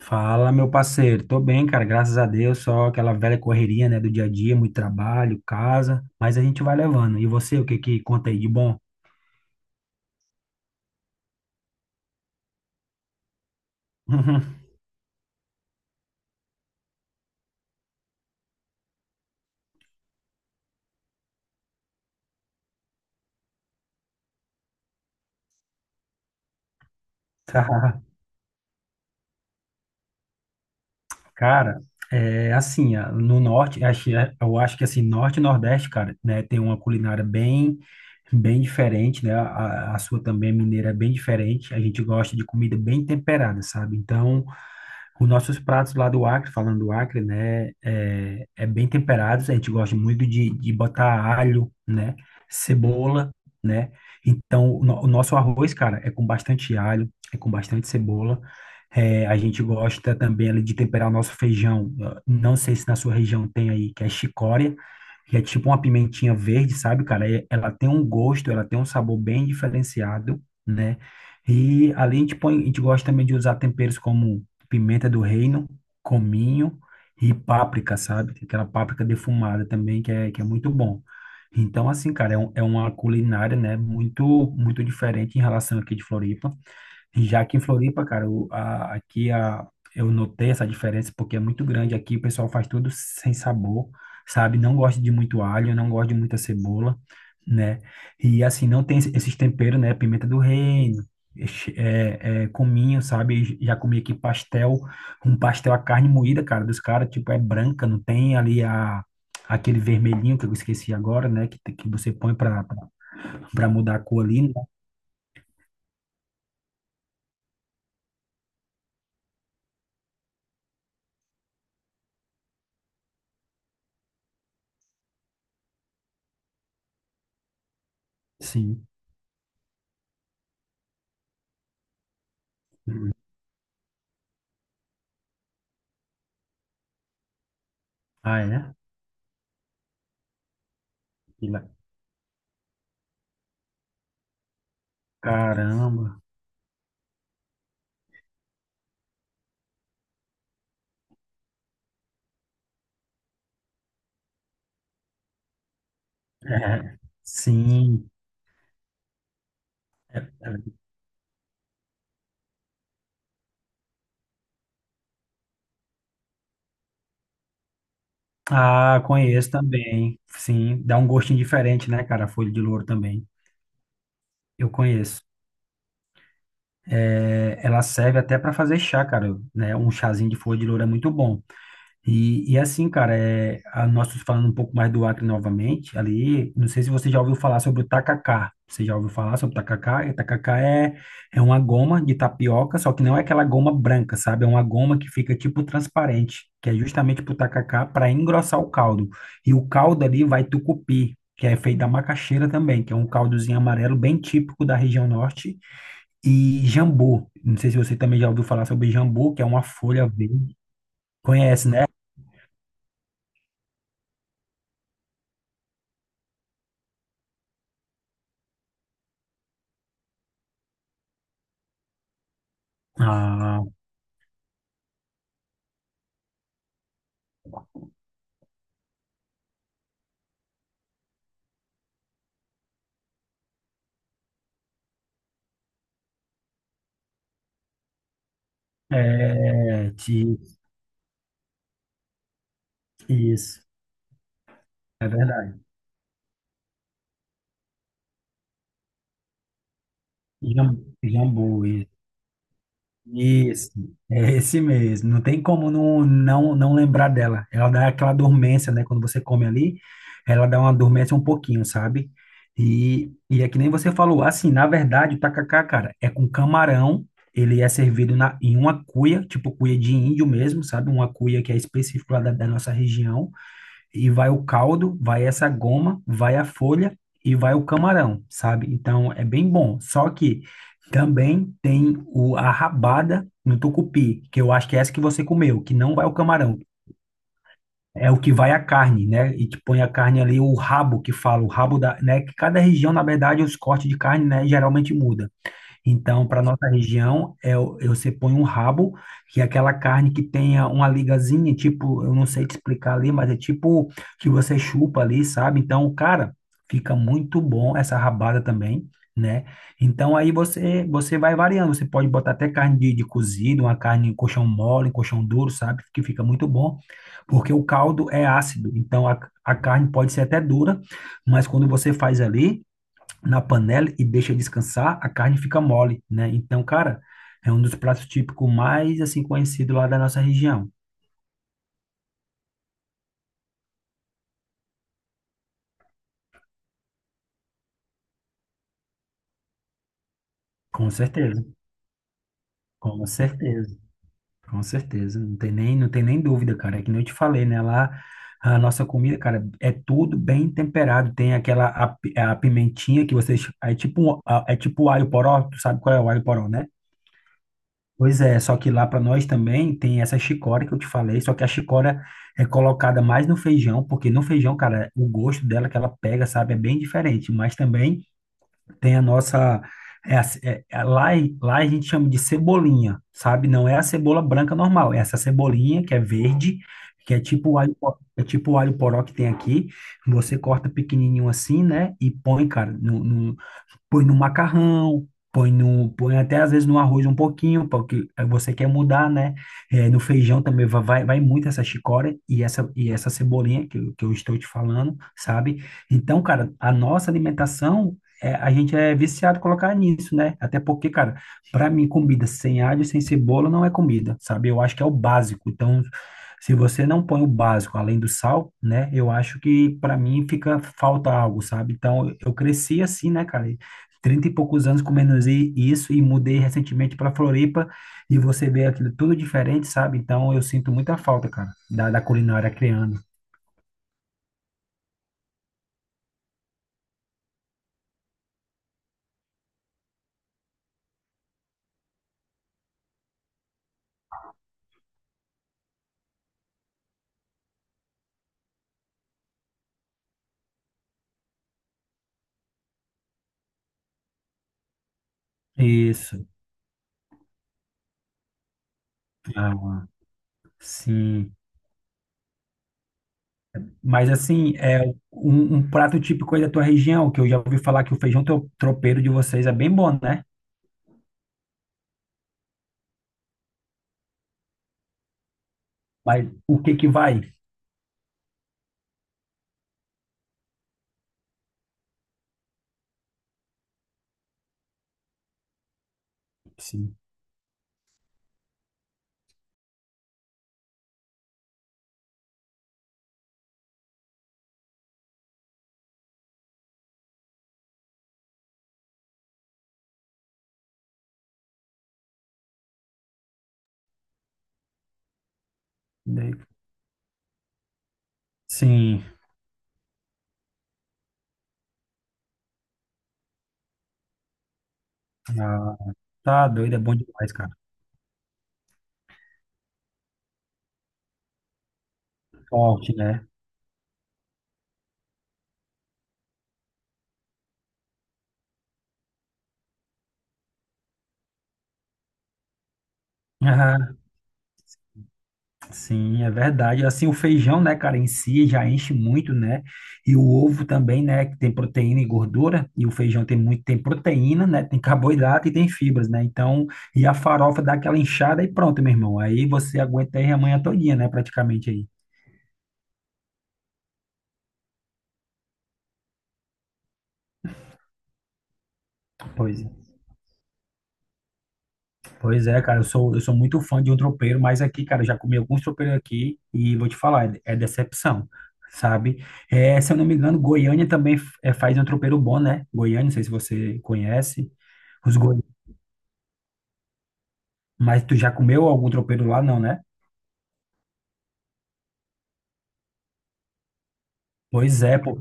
Fala, meu parceiro. Tô bem, cara, graças a Deus. Só aquela velha correria, né, do dia a dia, muito trabalho, casa, mas a gente vai levando. E você, o que que conta aí de bom? Tá. Cara, é assim, no norte, é, eu acho que assim, norte e nordeste, cara, né, tem uma culinária bem diferente, né? A sua também mineira é bem diferente. A gente gosta de comida bem temperada, sabe? Então, os nossos pratos lá do Acre, falando do Acre, né, é, é bem temperados, a gente gosta muito de botar alho, né, cebola, né, então o, no- o nosso arroz, cara, é com bastante alho, é com bastante cebola, é, a gente gosta também ali de temperar o nosso feijão, não sei se na sua região tem aí, que é chicória, que é tipo uma pimentinha verde, sabe, cara, ela tem um gosto, ela tem um sabor bem diferenciado, né, e além de põe, a gente gosta também de usar temperos como pimenta do reino, cominho e páprica, sabe? Tem aquela páprica defumada também, que é muito bom. Então, assim, cara, é uma culinária, né, muito diferente em relação aqui de Floripa. E já aqui em Floripa, cara, aqui a, eu notei essa diferença porque é muito grande. Aqui o pessoal faz tudo sem sabor, sabe? Não gosta de muito alho, não gosta de muita cebola, né? E assim, não tem esses temperos, né? Pimenta do reino, cominho, sabe? Já comi aqui pastel, um pastel, a carne moída, cara, dos caras, tipo, é branca, não tem ali a, aquele vermelhinho que eu esqueci agora, né? Que você põe pra mudar a cor ali, né? Sim. Ah, é? Caramba. É, sim. Ah, conheço também. Sim, dá um gostinho diferente, né, cara? A folha de louro também. Eu conheço. É, ela serve até para fazer chá, cara, né? Um chazinho de folha de louro é muito bom. E assim, cara, é, a, nós falando um pouco mais do Acre novamente, ali, não sei se você já ouviu falar sobre o tacacá. Você já ouviu falar sobre o tacacá? E o tacacá é, é uma goma de tapioca, só que não é aquela goma branca, sabe? É uma goma que fica tipo transparente, que é justamente pro tacacá para engrossar o caldo. E o caldo ali vai tucupi, que é feito da macaxeira também, que é um caldozinho amarelo bem típico da região norte. E jambu, não sei se você também já ouviu falar sobre jambu, que é uma folha verde. Conhece, né? Ah, é, isso, é verdade. Jambu, isso. Isso, é esse mesmo. Não tem como não lembrar dela. Ela dá aquela dormência, né? Quando você come ali, ela dá uma dormência um pouquinho, sabe? E é que nem você falou, assim, na verdade, o tacacá, cara, é com camarão. Ele é servido na, em uma cuia, tipo cuia de índio mesmo, sabe? Uma cuia que é específica lá da nossa região. E vai o caldo, vai essa goma, vai a folha e vai o camarão, sabe? Então é bem bom. Só que também tem o, a rabada no tucupi, que eu acho que é essa que você comeu, que não vai o camarão. É o que vai a carne, né? E te põe a carne ali, o rabo que fala, o rabo da, né? Que cada região, na verdade, os cortes de carne, né, geralmente muda. Então, para nossa região, eu você põe um rabo, que é aquela carne que tenha uma ligazinha, tipo, eu não sei te explicar ali, mas é tipo que você chupa ali, sabe? Então, cara, fica muito bom essa rabada também, né? Então, aí você vai variando, você pode botar até carne de cozido, uma carne em colchão mole, em colchão duro, sabe? Que fica muito bom, porque o caldo é ácido, então a carne pode ser até dura, mas quando você faz ali na panela e deixa descansar, a carne fica mole, né? Então, cara, é um dos pratos típicos mais, assim, conhecido lá da nossa região. Com certeza, com certeza, com certeza. Não tem nem dúvida, cara. É que nem eu te falei, né? Lá, a nossa comida, cara, é tudo bem temperado. Tem aquela, a, a pimentinha que vocês, é tipo, é tipo o alho poró, tu sabe qual é o alho poró, né? Pois é, só que lá para nós também tem essa chicória que eu te falei, só que a chicória é colocada mais no feijão, porque no feijão, cara, o gosto dela que ela pega, sabe, é bem diferente, mas também tem a nossa, é a ce- é- é- lá, lá a gente chama de cebolinha, sabe, não é a cebola branca normal, é essa cebolinha que é verde, que é tipo o alho, é tipo o alho poró que tem aqui, você corta pequenininho assim, né, e põe, cara, põe no macarrão, põe até às vezes no arroz um pouquinho, porque você quer mudar, né? É, no feijão também vai, vai muito essa chicória e essa cebolinha que, que eu estou te falando, sabe? Então, cara, a nossa alimentação, é, a gente é viciado em colocar nisso, né? Até porque, cara, para mim, comida sem alho, sem cebola não é comida, sabe? Eu acho que é o básico. Então, se você não põe o básico além do sal, né? Eu acho que para mim fica falta algo, sabe? Então, eu cresci assim, né, cara? 30 e poucos anos comendo isso e mudei recentemente para Floripa e você vê aquilo tudo diferente, sabe? Então eu sinto muita falta, cara, da culinária criando. Isso, ah, sim. Mas assim, é um prato típico aí da tua região, que eu já ouvi falar que o feijão tropeiro de vocês é bem bom, né? Mas o que que vai? Sim. Daí- Sim. Ah, tá doido, é bom demais, cara. Forte, né? Sim, é verdade. Assim, o feijão, né, cara, em si já enche muito, né? E o ovo também, né, que tem proteína e gordura, e o feijão tem muito, tem proteína, né, tem carboidrato e tem fibras, né? Então, e a farofa dá aquela inchada e pronto, meu irmão. Aí você aguenta aí a manhã todinha, né, praticamente aí. Pois é. Pois é, cara, eu sou muito fã de um tropeiro, mas aqui, cara, eu já comi alguns tropeiros aqui e vou te falar, é decepção, sabe? É, se eu não me engano, Goiânia também faz um tropeiro bom, né? Goiânia, não sei se você conhece, os goi... mas tu já comeu algum tropeiro lá, não, né? Pois é, pô.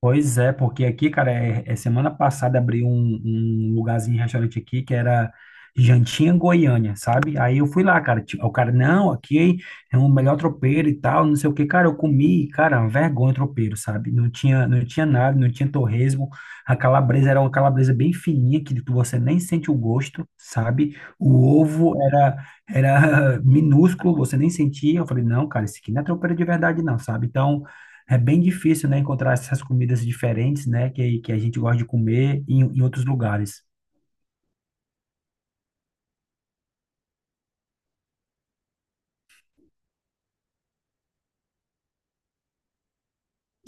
Pois é, porque aqui, cara, é semana passada abriu um lugarzinho, um restaurante aqui, que era Jantinha Goiânia, sabe? Aí eu fui lá, cara, tipo, o cara, não, aqui é o melhor tropeiro e tal, não sei o que, cara, eu comi, cara, uma vergonha o tropeiro, sabe? Não tinha nada, não tinha torresmo, a calabresa era uma calabresa bem fininha, você nem sente o gosto, sabe? O ovo era, era minúsculo, você nem sentia, eu falei, não, cara, isso aqui não é tropeiro de verdade não, sabe? Então, é bem difícil, né, encontrar essas comidas diferentes, né, que a gente gosta de comer em outros lugares.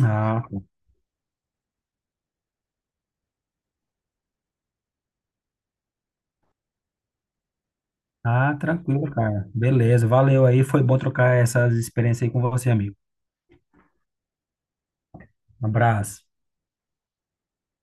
Ah, ah, tranquilo, cara. Beleza, valeu aí. Foi bom trocar essas experiências aí com você, amigo. Um abraço.